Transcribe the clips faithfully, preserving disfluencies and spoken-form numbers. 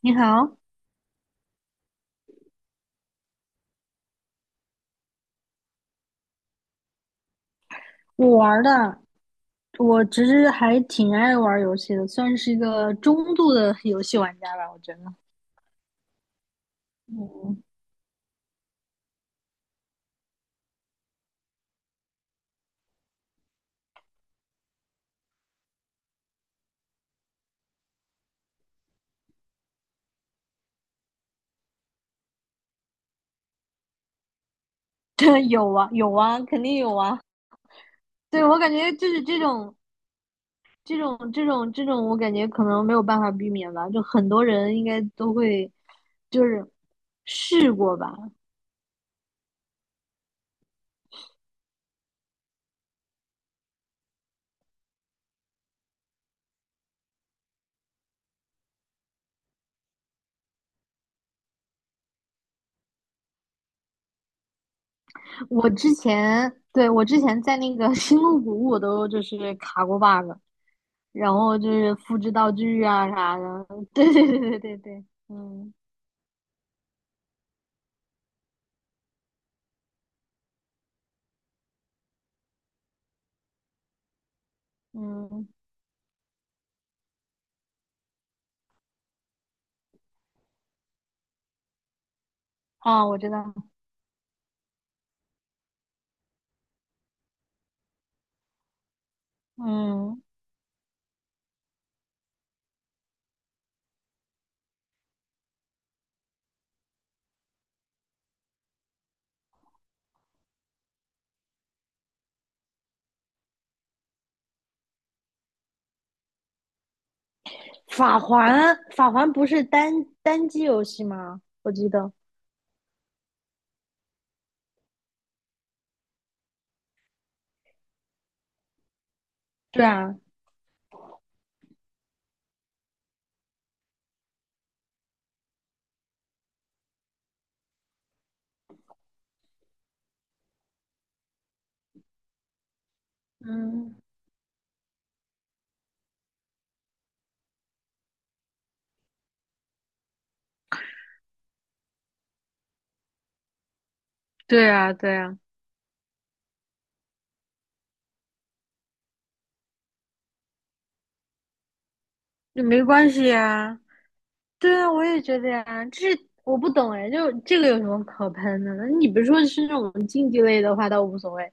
你好。我玩儿的。我其实还挺爱玩儿游戏的，算是一个中度的游戏玩家吧，我觉得。嗯。对，有啊，有啊，肯定有啊。对，我感觉就是这种、这种、这种、这种，我感觉可能没有办法避免吧，就很多人应该都会，就是试过吧。我之前，对，我之前在那个 星露谷，我都就是卡过 bug,然后就是复制道具啊啥的。对对对对对对，嗯。嗯，啊，我知道。嗯，法环，法环不是单单机游戏吗？我记得，对啊。嗯，对啊，对啊，那没关系呀，对啊，我也觉得呀。这我不懂哎，就这个有什么可喷的呢？你比如说是那种竞技类的话，倒无所谓。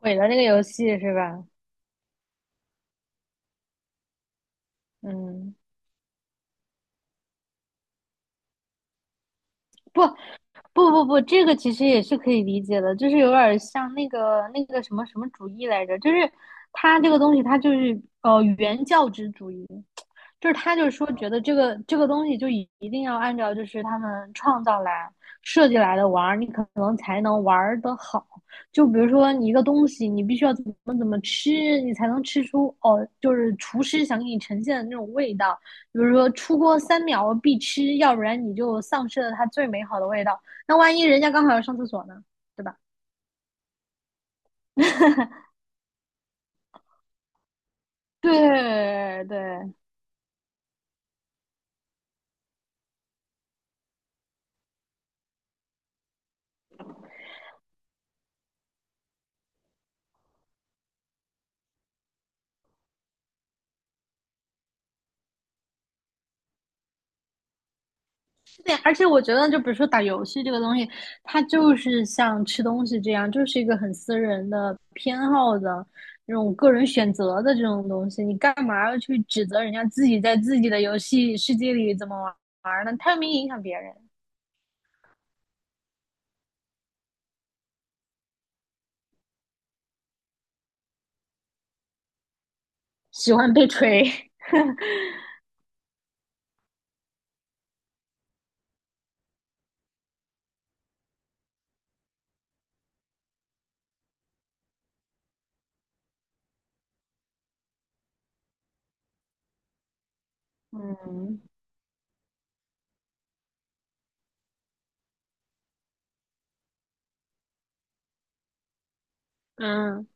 毁了那个游戏是吧？嗯，不，不不不，这个其实也是可以理解的，就是有点儿像那个那个什么什么主义来着，就是他这个东西，他就是呃原教旨主义，就是他就是说觉得这个这个东西就一一定要按照就是他们创造来设计来的玩儿，你可能才能玩儿得好。就比如说你一个东西，你必须要怎么怎么吃，你才能吃出哦，就是厨师想给你呈现的那种味道。比如说出锅三秒必吃，要不然你就丧失了它最美好的味道。那万一人家刚好要上厕所呢，对吧？对对，对，而且我觉得，就比如说打游戏这个东西，它就是像吃东西这样，就是一个很私人的偏好的那种个人选择的这种东西。你干嘛要去指责人家自己在自己的游戏世界里怎么玩儿呢？又没影响别人。喜欢被锤。嗯嗯。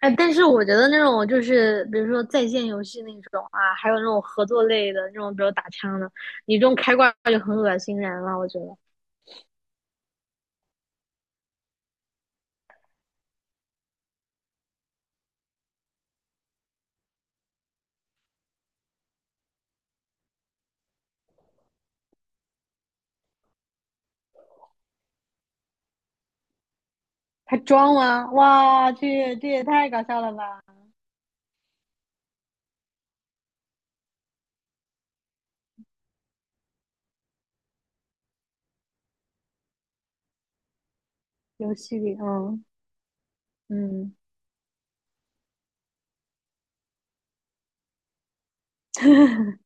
哎，但是我觉得那种就是比如说在线游戏那种啊，还有那种合作类的那种，比如打枪的，你这种开挂就很恶心人了。我觉得他装吗？哇，这也这也太搞笑了吧！游戏里，嗯嗯。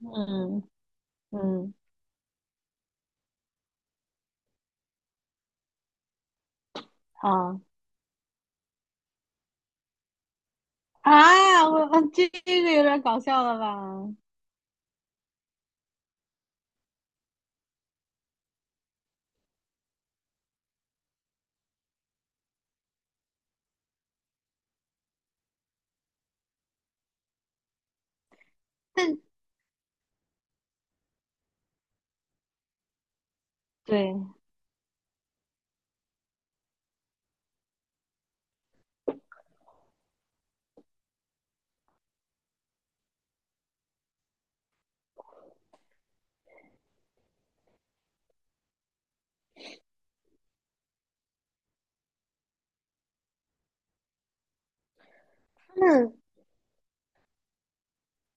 嗯嗯，好。啊，我我这个有点搞笑了吧？但对。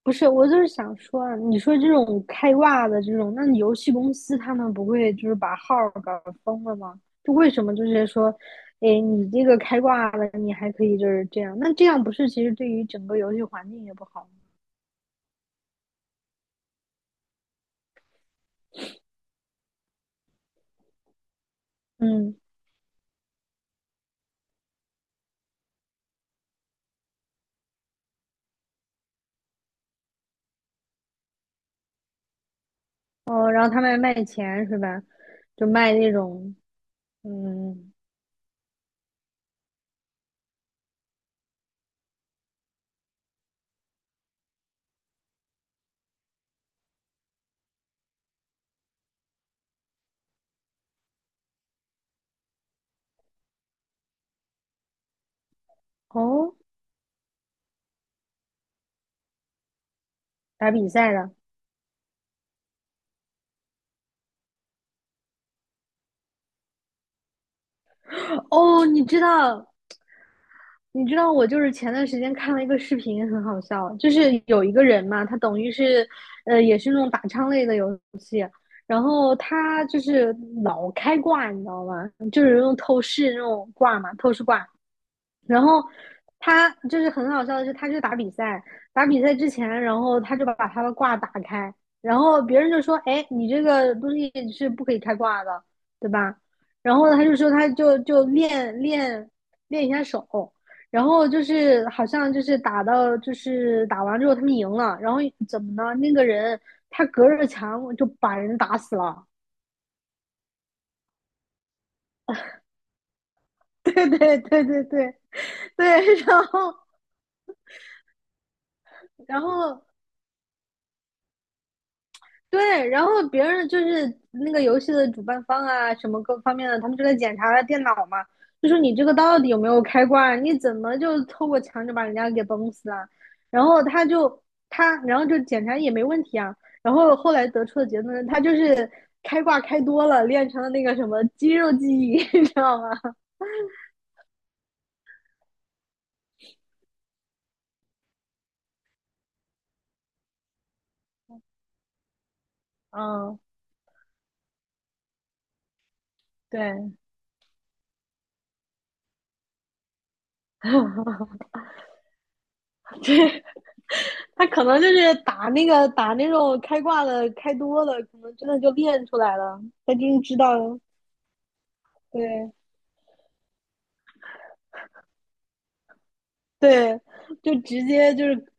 不是，我就是想说啊你说这种开挂的这种，那你游戏公司他们不会就是把号儿搞封了吗？就为什么就是说，哎，你这个开挂了，你还可以就是这样，那这样不是其实对于整个游戏环境也不好吗。嗯。哦，然后他们还卖钱是吧？就卖那种。嗯。哦，打比赛的。哦，你知道，你知道我就是前段时间看了一个视频，很好笑，就是有一个人嘛，他等于是，呃，也是那种打枪类的游戏，然后他就是老开挂，你知道吗？就是用透视那种挂嘛，透视挂，然后他就是很好笑的是，他去打比赛，打比赛之前，然后他就把他的挂打开，然后别人就说：“哎，你这个东西是不可以开挂的，对吧？”然后他就说他就就练练练一下手，然后就是好像就是打到就是打完之后他们赢了，然后怎么呢？那个人他隔着墙就把人打死了。对对对对对对，然后然后对，然后别人就是那个游戏的主办方啊，什么各方面的，他们就在检查他电脑嘛，就说你这个到底有没有开挂啊，你怎么就透过墙就把人家给崩死啊？然后他就他，然后就检查也没问题啊。然后后来得出的结论，他就是开挂开多了，练成了那个什么肌肉记忆，你知道吗？嗯，对。对，他可能就是打那个打那种开挂的开多了，可能真的就练出来了，他真知道对对，就直接就是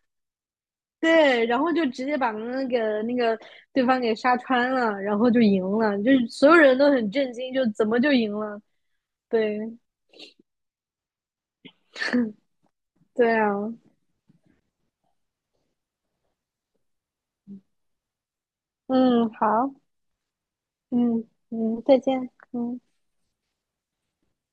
对，然后就直接把那个那个对方给杀穿了，然后就赢了，就是所有人都很震惊，就怎么就赢了？对对啊。嗯，好。嗯嗯，再见。嗯。